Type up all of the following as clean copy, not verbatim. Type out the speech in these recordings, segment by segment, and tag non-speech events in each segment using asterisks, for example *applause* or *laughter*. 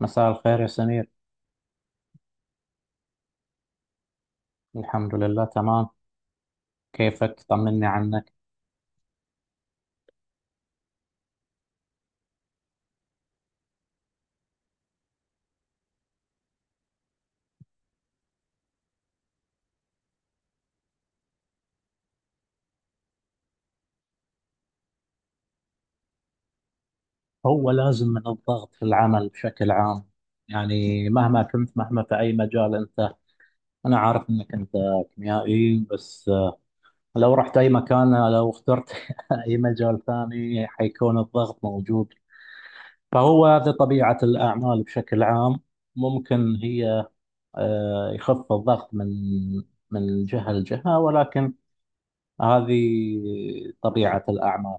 مساء الخير يا سمير. الحمد لله، تمام. كيفك؟ طمني عنك. هو لازم من الضغط في العمل بشكل عام، يعني مهما كنت، مهما في أي مجال أنت. أنا عارف أنك أنت كيميائي، بس لو رحت أي مكان، لو اخترت *laughs* أي مجال ثاني، حيكون الضغط موجود. فهو هذه طبيعة الأعمال بشكل عام. ممكن هي يخف الضغط من جهة لجهة، ولكن هذه طبيعة الأعمال.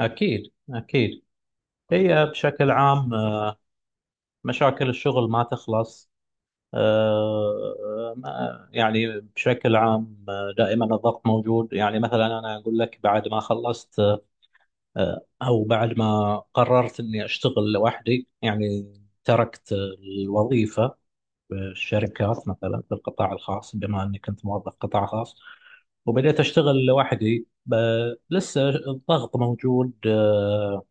أكيد أكيد. هي بشكل عام، مشاكل الشغل ما تخلص. يعني بشكل عام، دائما الضغط موجود، يعني مثلا أنا أقول لك بعد ما خلصت أو بعد ما قررت إني أشتغل لوحدي، يعني تركت الوظيفة في الشركات، مثلا في القطاع الخاص، بما أني كنت موظف قطاع خاص وبدأت أشتغل لوحدي، لسه الضغط موجود.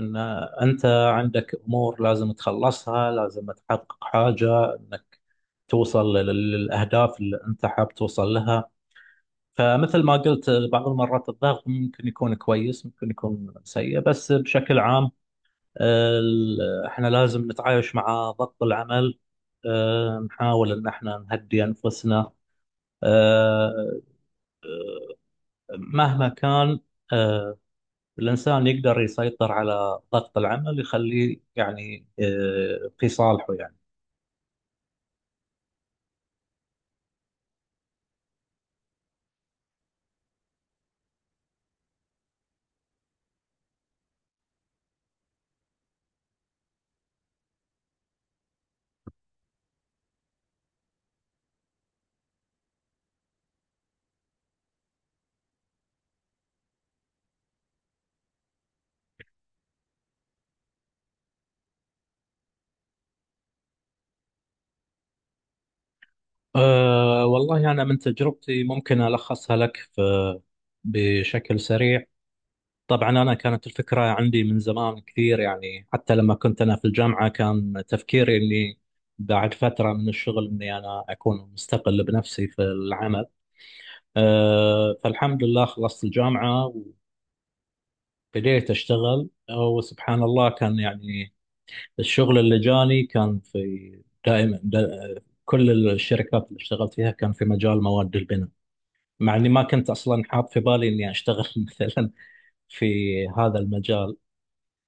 ان انت عندك امور لازم تخلصها، لازم تحقق حاجه انك توصل للاهداف اللي انت حاب توصل لها. فمثل ما قلت، بعض المرات الضغط ممكن يكون كويس، ممكن يكون سيء، بس بشكل عام احنا لازم نتعايش مع ضغط العمل، نحاول ان احنا نهدي انفسنا، آه، مهما كان، آه، الانسان يقدر يسيطر على ضغط العمل، يخليه يعني في صالحه يعني. أه والله، أنا من تجربتي ممكن ألخصها لك في بشكل سريع. طبعا أنا كانت الفكرة عندي من زمان كثير، يعني حتى لما كنت أنا في الجامعة كان تفكيري أني بعد فترة من الشغل أني أنا أكون مستقل بنفسي في العمل. أه، فالحمد لله خلصت الجامعة وبديت أشتغل. وسبحان الله، كان يعني الشغل اللي جاني كان في دائما دا كل الشركات اللي اشتغلت فيها كان في مجال مواد البناء، مع اني ما كنت اصلا حاط في بالي اني اشتغل *laughs* مثلا في هذا المجال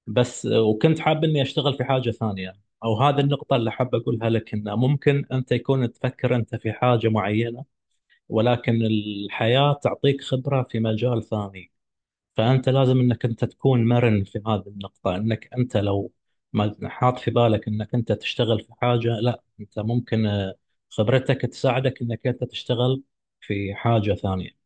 بس، وكنت حاب اني اشتغل في حاجه ثانيه. او هذه النقطه اللي حاب اقولها لك، انه ممكن انت يكون تفكر انت في حاجه معينه، ولكن الحياه تعطيك خبره في مجال ثاني. فانت لازم انك انت تكون مرن في هذه النقطه، انك انت لو ما حاط في بالك انك انت تشتغل في حاجه، لا انت ممكن خبرتك تساعدك انك انت تشتغل في حاجه ثانيه.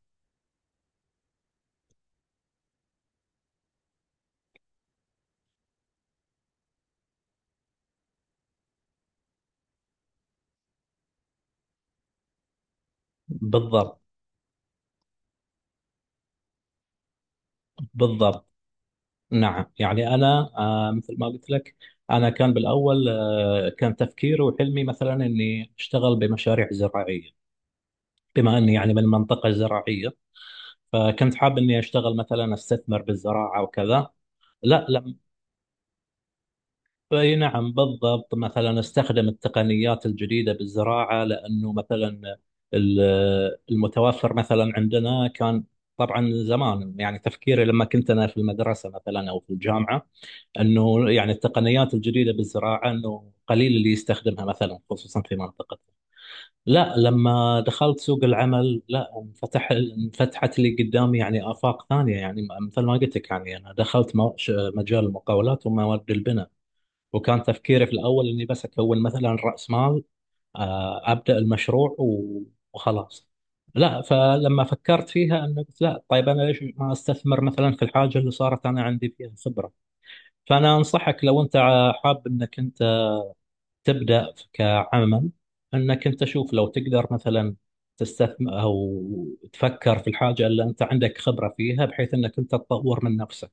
بالضبط. بالضبط. نعم، يعني أنا مثل ما قلت لك، أنا كان بالأول كان تفكيري وحلمي مثلا إني أشتغل بمشاريع زراعية، بما إني يعني من منطقة زراعية، فكنت حاب إني أشتغل مثلا أستثمر بالزراعة وكذا. لا، لا. أي نعم بالضبط، مثلا أستخدم التقنيات الجديدة بالزراعة، لأنه مثلا ال- المتوفر مثلا عندنا كان، طبعا زمان يعني تفكيري لما كنت أنا في المدرسة مثلا أو في الجامعة، انه يعني التقنيات الجديده بالزراعه انه قليل اللي يستخدمها، مثلا خصوصا في منطقتنا. لا، لما دخلت سوق العمل، لا انفتحت لي قدامي يعني افاق ثانيه، يعني مثل ما قلت لك، يعني انا دخلت مجال المقاولات ومواد البناء. وكان تفكيري في الاول اني بس اكون مثلا راس مال، ابدا المشروع وخلاص. لا، فلما فكرت فيها انه قلت لا، طيب انا ليش ما استثمر مثلا في الحاجه اللي صارت انا عندي فيها خبره. فأنا أنصحك، لو أنت حاب أنك أنت تبدأ كعمل، أنك أنت شوف لو تقدر مثلا تستثمر أو تفكر في الحاجة اللي أنت عندك خبرة فيها، بحيث أنك أنت تطور من نفسك.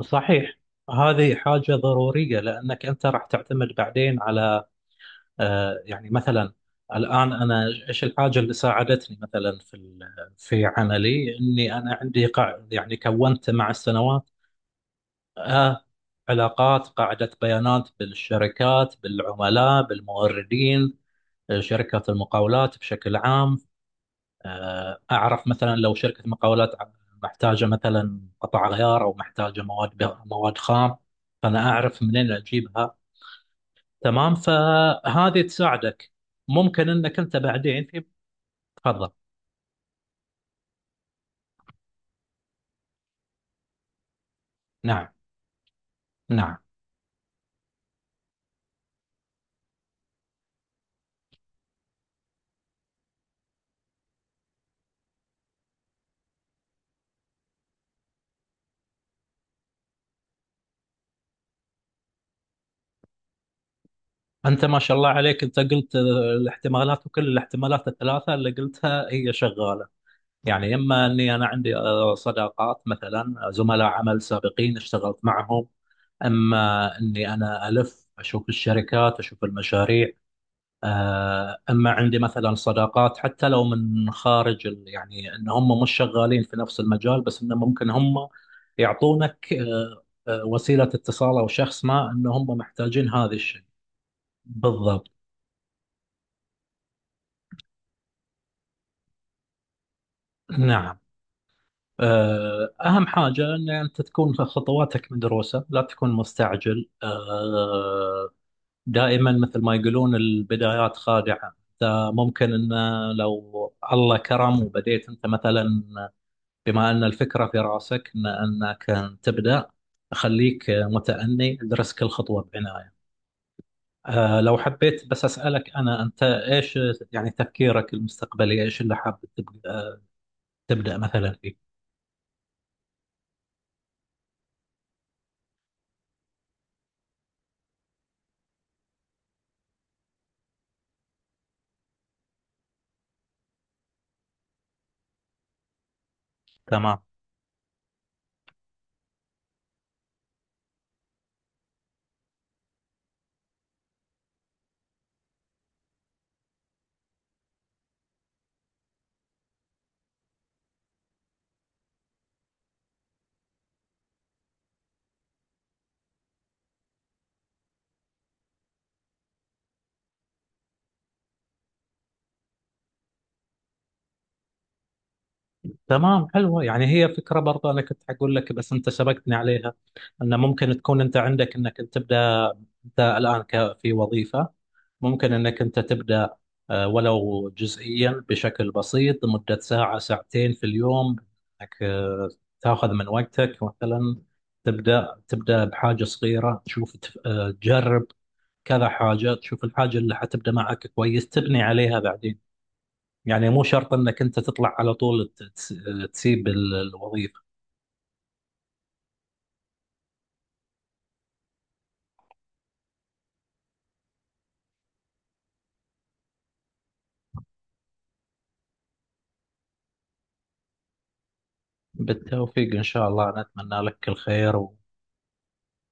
صحيح. هذه حاجة ضرورية، لأنك أنت راح تعتمد بعدين على يعني مثلا الآن، أنا إيش الحاجة اللي ساعدتني مثلا في عملي؟ إني أنا عندي يعني كونت مع السنوات آه علاقات، قاعدة بيانات بالشركات، بالعملاء، بالموردين. شركة المقاولات بشكل عام، آه أعرف مثلا لو شركة مقاولات محتاجة مثلا قطع غيار أو محتاجة مواد خام، فأنا أعرف منين أجيبها. تمام، فهذه تساعدك. ممكن أنك أنت بعدين في... تفضل. نعم. نعم. أنت ما شاء الله عليك، أنت قلت الاحتمالات، وكل الاحتمالات الثلاثة اللي قلتها هي شغالة، يعني إما أني أنا عندي صداقات مثلا زملاء عمل سابقين اشتغلت معهم، أما أني أنا ألف أشوف الشركات، أشوف المشاريع، أما عندي مثلا صداقات حتى لو من خارج يعني أن هم مش شغالين في نفس المجال، بس أنه ممكن هم يعطونك وسيلة اتصال، أو شخص ما أن هم محتاجين هذا الشيء. بالضبط. نعم. أهم حاجة أن أنت تكون في خطواتك مدروسة، لا تكون مستعجل. دائما مثل ما يقولون البدايات خادعة، أنت ممكن أن لو الله كرم وبديت أنت مثلا، بما أن الفكرة في رأسك أن أنك تبدأ، خليك متأني، ادرس كل خطوة بعناية. لو حبيت بس أسألك، أنا أنت إيش يعني تفكيرك المستقبلي؟ إيش اللي حابب تبدأ، مثلا فيه؟ تمام. تمام. حلوة يعني. هي فكرة برضه، أنا كنت أقول لك بس أنت شبكتني عليها، أن ممكن تكون أنت عندك أنك تبدأ. أنت الآن في وظيفة، ممكن أنك أنت تبدأ ولو جزئيا، بشكل بسيط، لمدة ساعة ساعتين في اليوم، أنك تاخذ من وقتك مثلا، تبدأ بحاجة صغيرة، تشوف تجرب كذا حاجة، تشوف الحاجة اللي حتبدأ معك كويس تبني عليها بعدين. يعني مو شرط انك انت تطلع على طول تسيب الوظيفة. بالتوفيق ان شاء الله، انا اتمنى لك الخير،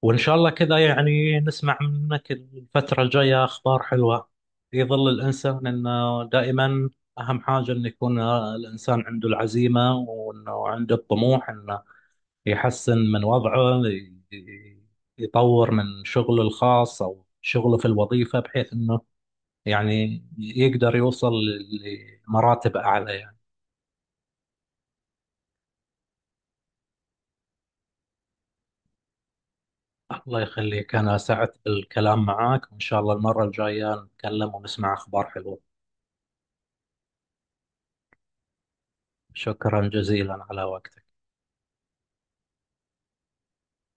وان شاء الله كذا، يعني نسمع منك الفترة الجاية اخبار حلوة، في ظل الانسان انه دائما اهم حاجة انه يكون الانسان عنده العزيمة، وانه عنده الطموح انه يحسن من وضعه، يطور من شغله الخاص او شغله في الوظيفة، بحيث انه يعني يقدر يوصل لمراتب اعلى يعني. الله يخليك، أنا سعدت بالكلام معاك، وإن شاء الله المرة الجاية نتكلم ونسمع أخبار حلوة. شكرا جزيلا على وقتك.